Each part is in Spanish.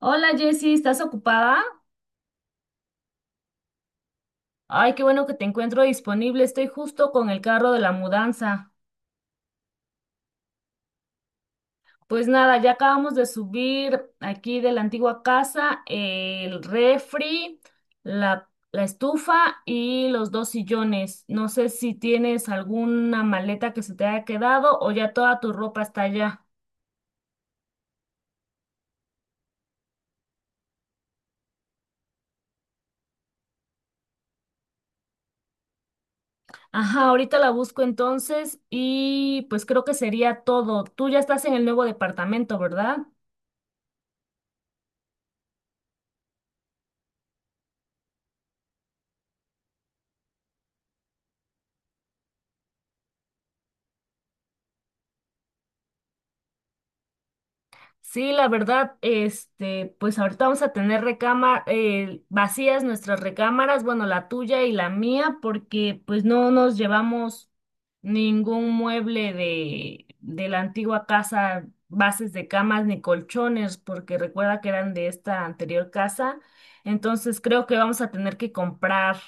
Hola Jessy, ¿estás ocupada? Ay, qué bueno que te encuentro disponible. Estoy justo con el carro de la mudanza. Pues nada, ya acabamos de subir aquí de la antigua casa el refri, la estufa y los dos sillones. No sé si tienes alguna maleta que se te haya quedado o ya toda tu ropa está allá. Ajá, ahorita la busco entonces y pues creo que sería todo. Tú ya estás en el nuevo departamento, ¿verdad? Sí, la verdad, este, pues ahorita vamos a tener recámar vacías nuestras recámaras, bueno, la tuya y la mía, porque pues no nos llevamos ningún mueble de la antigua casa, bases de camas ni colchones, porque recuerda que eran de esta anterior casa. Entonces creo que vamos a tener que comprar.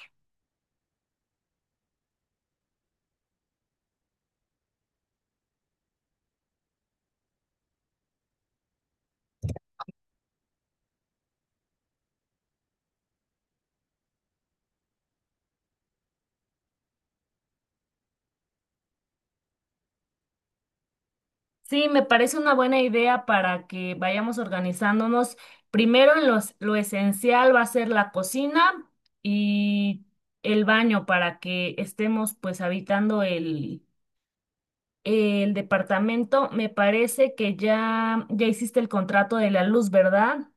Sí, me parece una buena idea para que vayamos organizándonos. Primero en los, lo esencial va a ser la cocina y el baño para que estemos pues habitando el departamento. Me parece que ya hiciste el contrato de la luz, ¿verdad?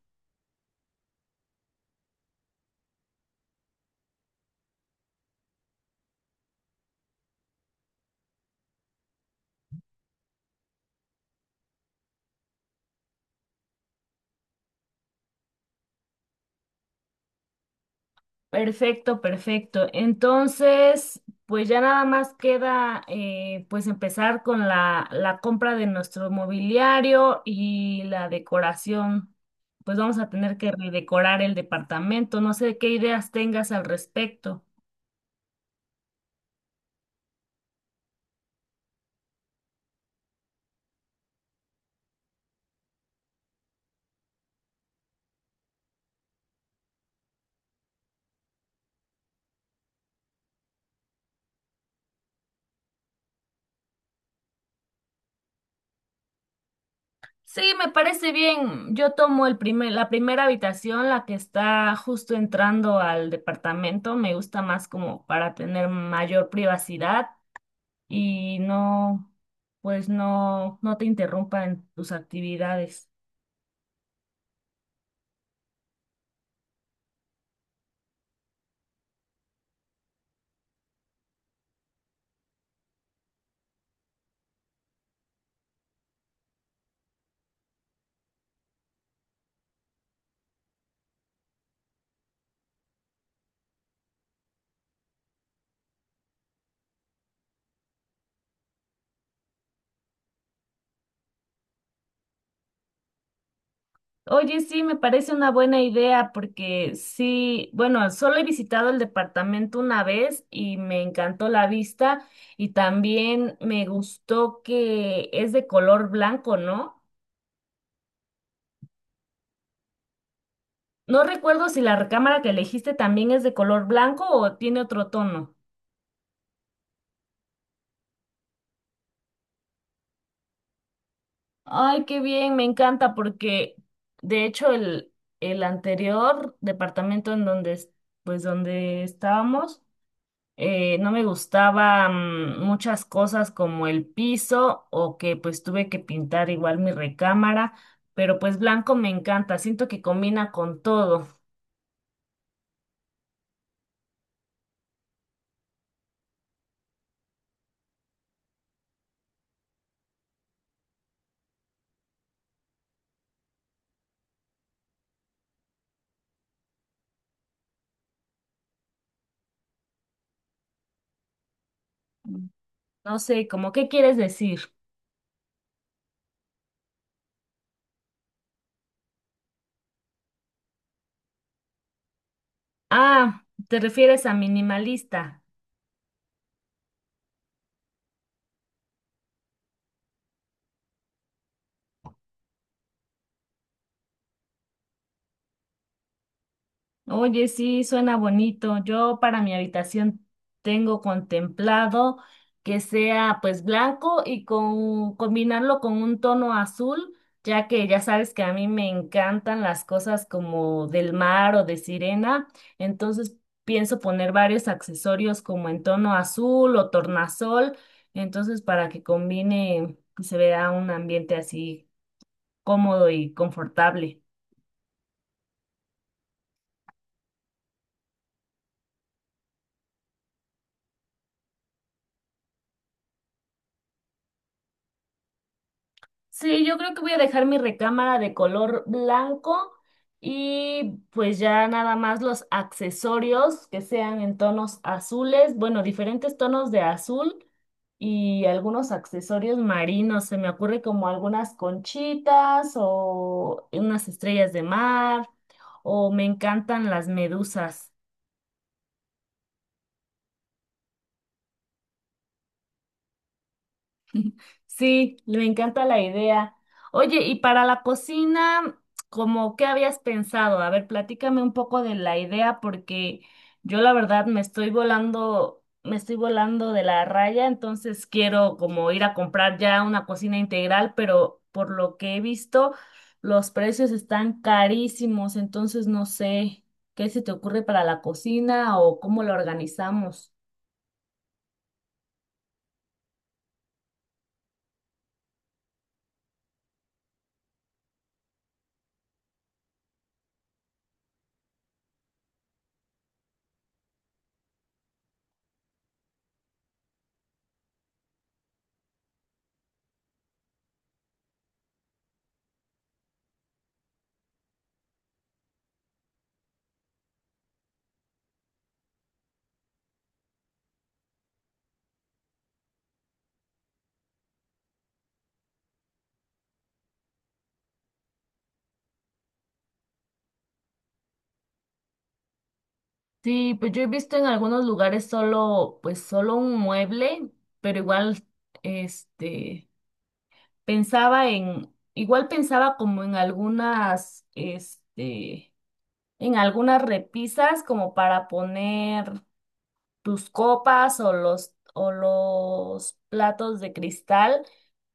Perfecto, perfecto. Entonces, pues ya nada más queda pues empezar con la compra de nuestro mobiliario y la decoración. Pues vamos a tener que redecorar el departamento. No sé qué ideas tengas al respecto. Sí, me parece bien. Yo tomo la primera habitación, la que está justo entrando al departamento. Me gusta más como para tener mayor privacidad. Y no, pues no, no te interrumpan tus actividades. Oye, sí, me parece una buena idea porque sí, bueno, solo he visitado el departamento una vez y me encantó la vista y también me gustó que es de color blanco, ¿no? No recuerdo si la recámara que elegiste también es de color blanco o tiene otro tono. Ay, qué bien, me encanta porque de hecho el anterior departamento en pues donde estábamos, no me gustaban muchas cosas como el piso o que pues tuve que pintar igual mi recámara, pero pues blanco me encanta, siento que combina con todo. No sé, ¿cómo qué quieres decir? Ah, ¿te refieres a minimalista? Oye, sí, suena bonito. Yo para mi habitación tengo contemplado que sea pues blanco y con combinarlo con un tono azul, ya que ya sabes que a mí me encantan las cosas como del mar o de sirena, entonces pienso poner varios accesorios como en tono azul o tornasol, entonces para que combine y se vea un ambiente así cómodo y confortable. Sí, yo creo que voy a dejar mi recámara de color blanco y pues ya nada más los accesorios que sean en tonos azules, bueno, diferentes tonos de azul y algunos accesorios marinos. Se me ocurre como algunas conchitas o unas estrellas de mar o me encantan las medusas. Sí, me encanta la idea. Oye, y para la cocina, ¿cómo qué habías pensado? A ver, platícame un poco de la idea porque yo la verdad me estoy volando de la raya, entonces quiero como ir a comprar ya una cocina integral, pero por lo que he visto, los precios están carísimos, entonces no sé qué se te ocurre para la cocina o cómo la organizamos. Sí, pues yo he visto en algunos lugares pues solo un mueble, pero este, pensaba en, igual pensaba como en en algunas repisas como para poner tus copas o o los platos de cristal,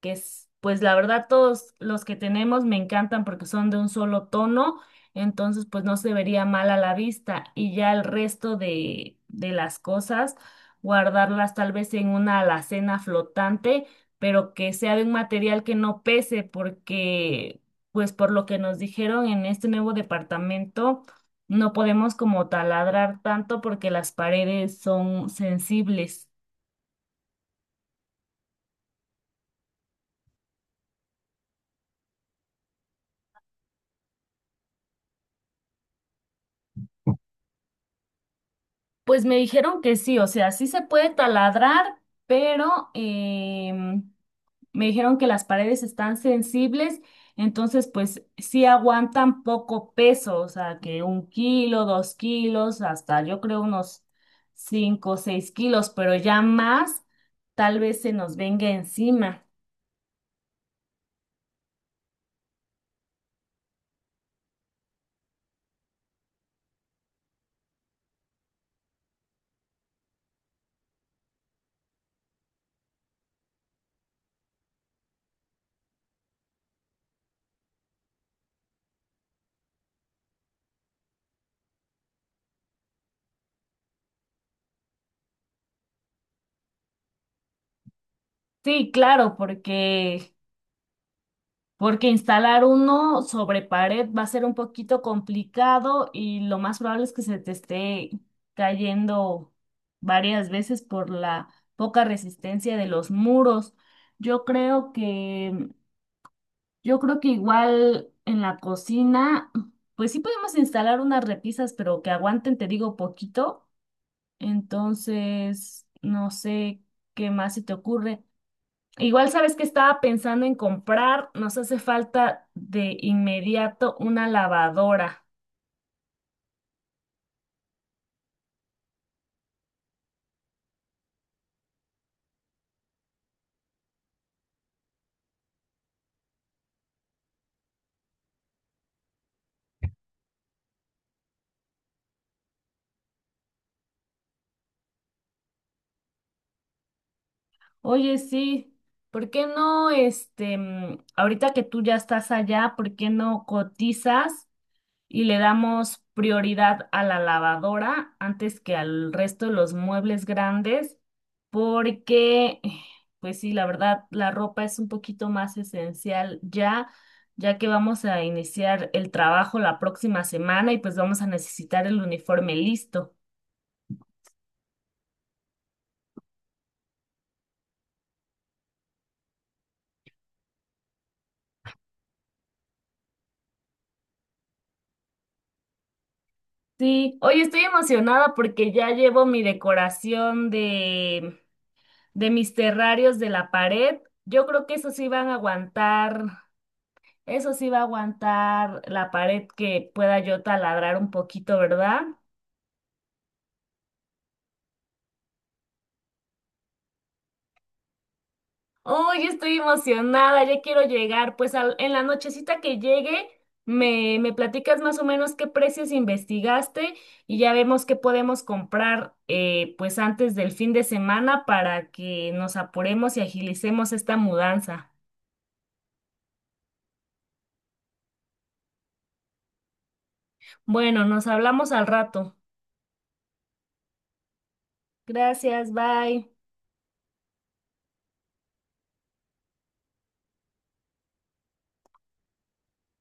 que es, pues la verdad todos los que tenemos me encantan porque son de un solo tono, entonces pues no se vería mal a la vista y ya el resto de las cosas, guardarlas tal vez en una alacena flotante, pero que sea de un material que no pese porque... Pues por lo que nos dijeron en este nuevo departamento, no podemos como taladrar tanto porque las paredes son sensibles. Pues me dijeron que sí, o sea, sí se puede taladrar, pero me dijeron que las paredes están sensibles, entonces pues sí aguantan poco peso, o sea, que un kilo, dos kilos, hasta yo creo unos cinco o seis kilos, pero ya más tal vez se nos venga encima. Sí, claro, porque instalar uno sobre pared va a ser un poquito complicado y lo más probable es que se te esté cayendo varias veces por la poca resistencia de los muros. Yo creo que, yo creo que igual en la cocina, pues sí podemos instalar unas repisas, pero que aguanten, te digo, poquito. Entonces, no sé qué más se te ocurre. Igual sabes que estaba pensando en comprar, nos hace falta de inmediato una lavadora. Oye, sí, ¿por qué no, ahorita que tú ya estás allá, ¿por qué no cotizas? Y le damos prioridad a la lavadora antes que al resto de los muebles grandes, porque, pues sí, la verdad, la ropa es un poquito más esencial ya, ya que vamos a iniciar el trabajo la próxima semana y pues vamos a necesitar el uniforme listo. Sí, hoy estoy emocionada porque ya llevo mi decoración de mis terrarios de la pared. Yo creo que esos sí van a aguantar. Eso sí va a aguantar la pared que pueda yo taladrar un poquito, ¿verdad? ¡Oh, yo estoy emocionada! Ya quiero llegar. Pues al- en la nochecita que llegue, me platicas más o menos qué precios investigaste y ya vemos qué podemos comprar pues antes del fin de semana para que nos apuremos y agilicemos esta mudanza. Bueno, nos hablamos al rato. Gracias, bye.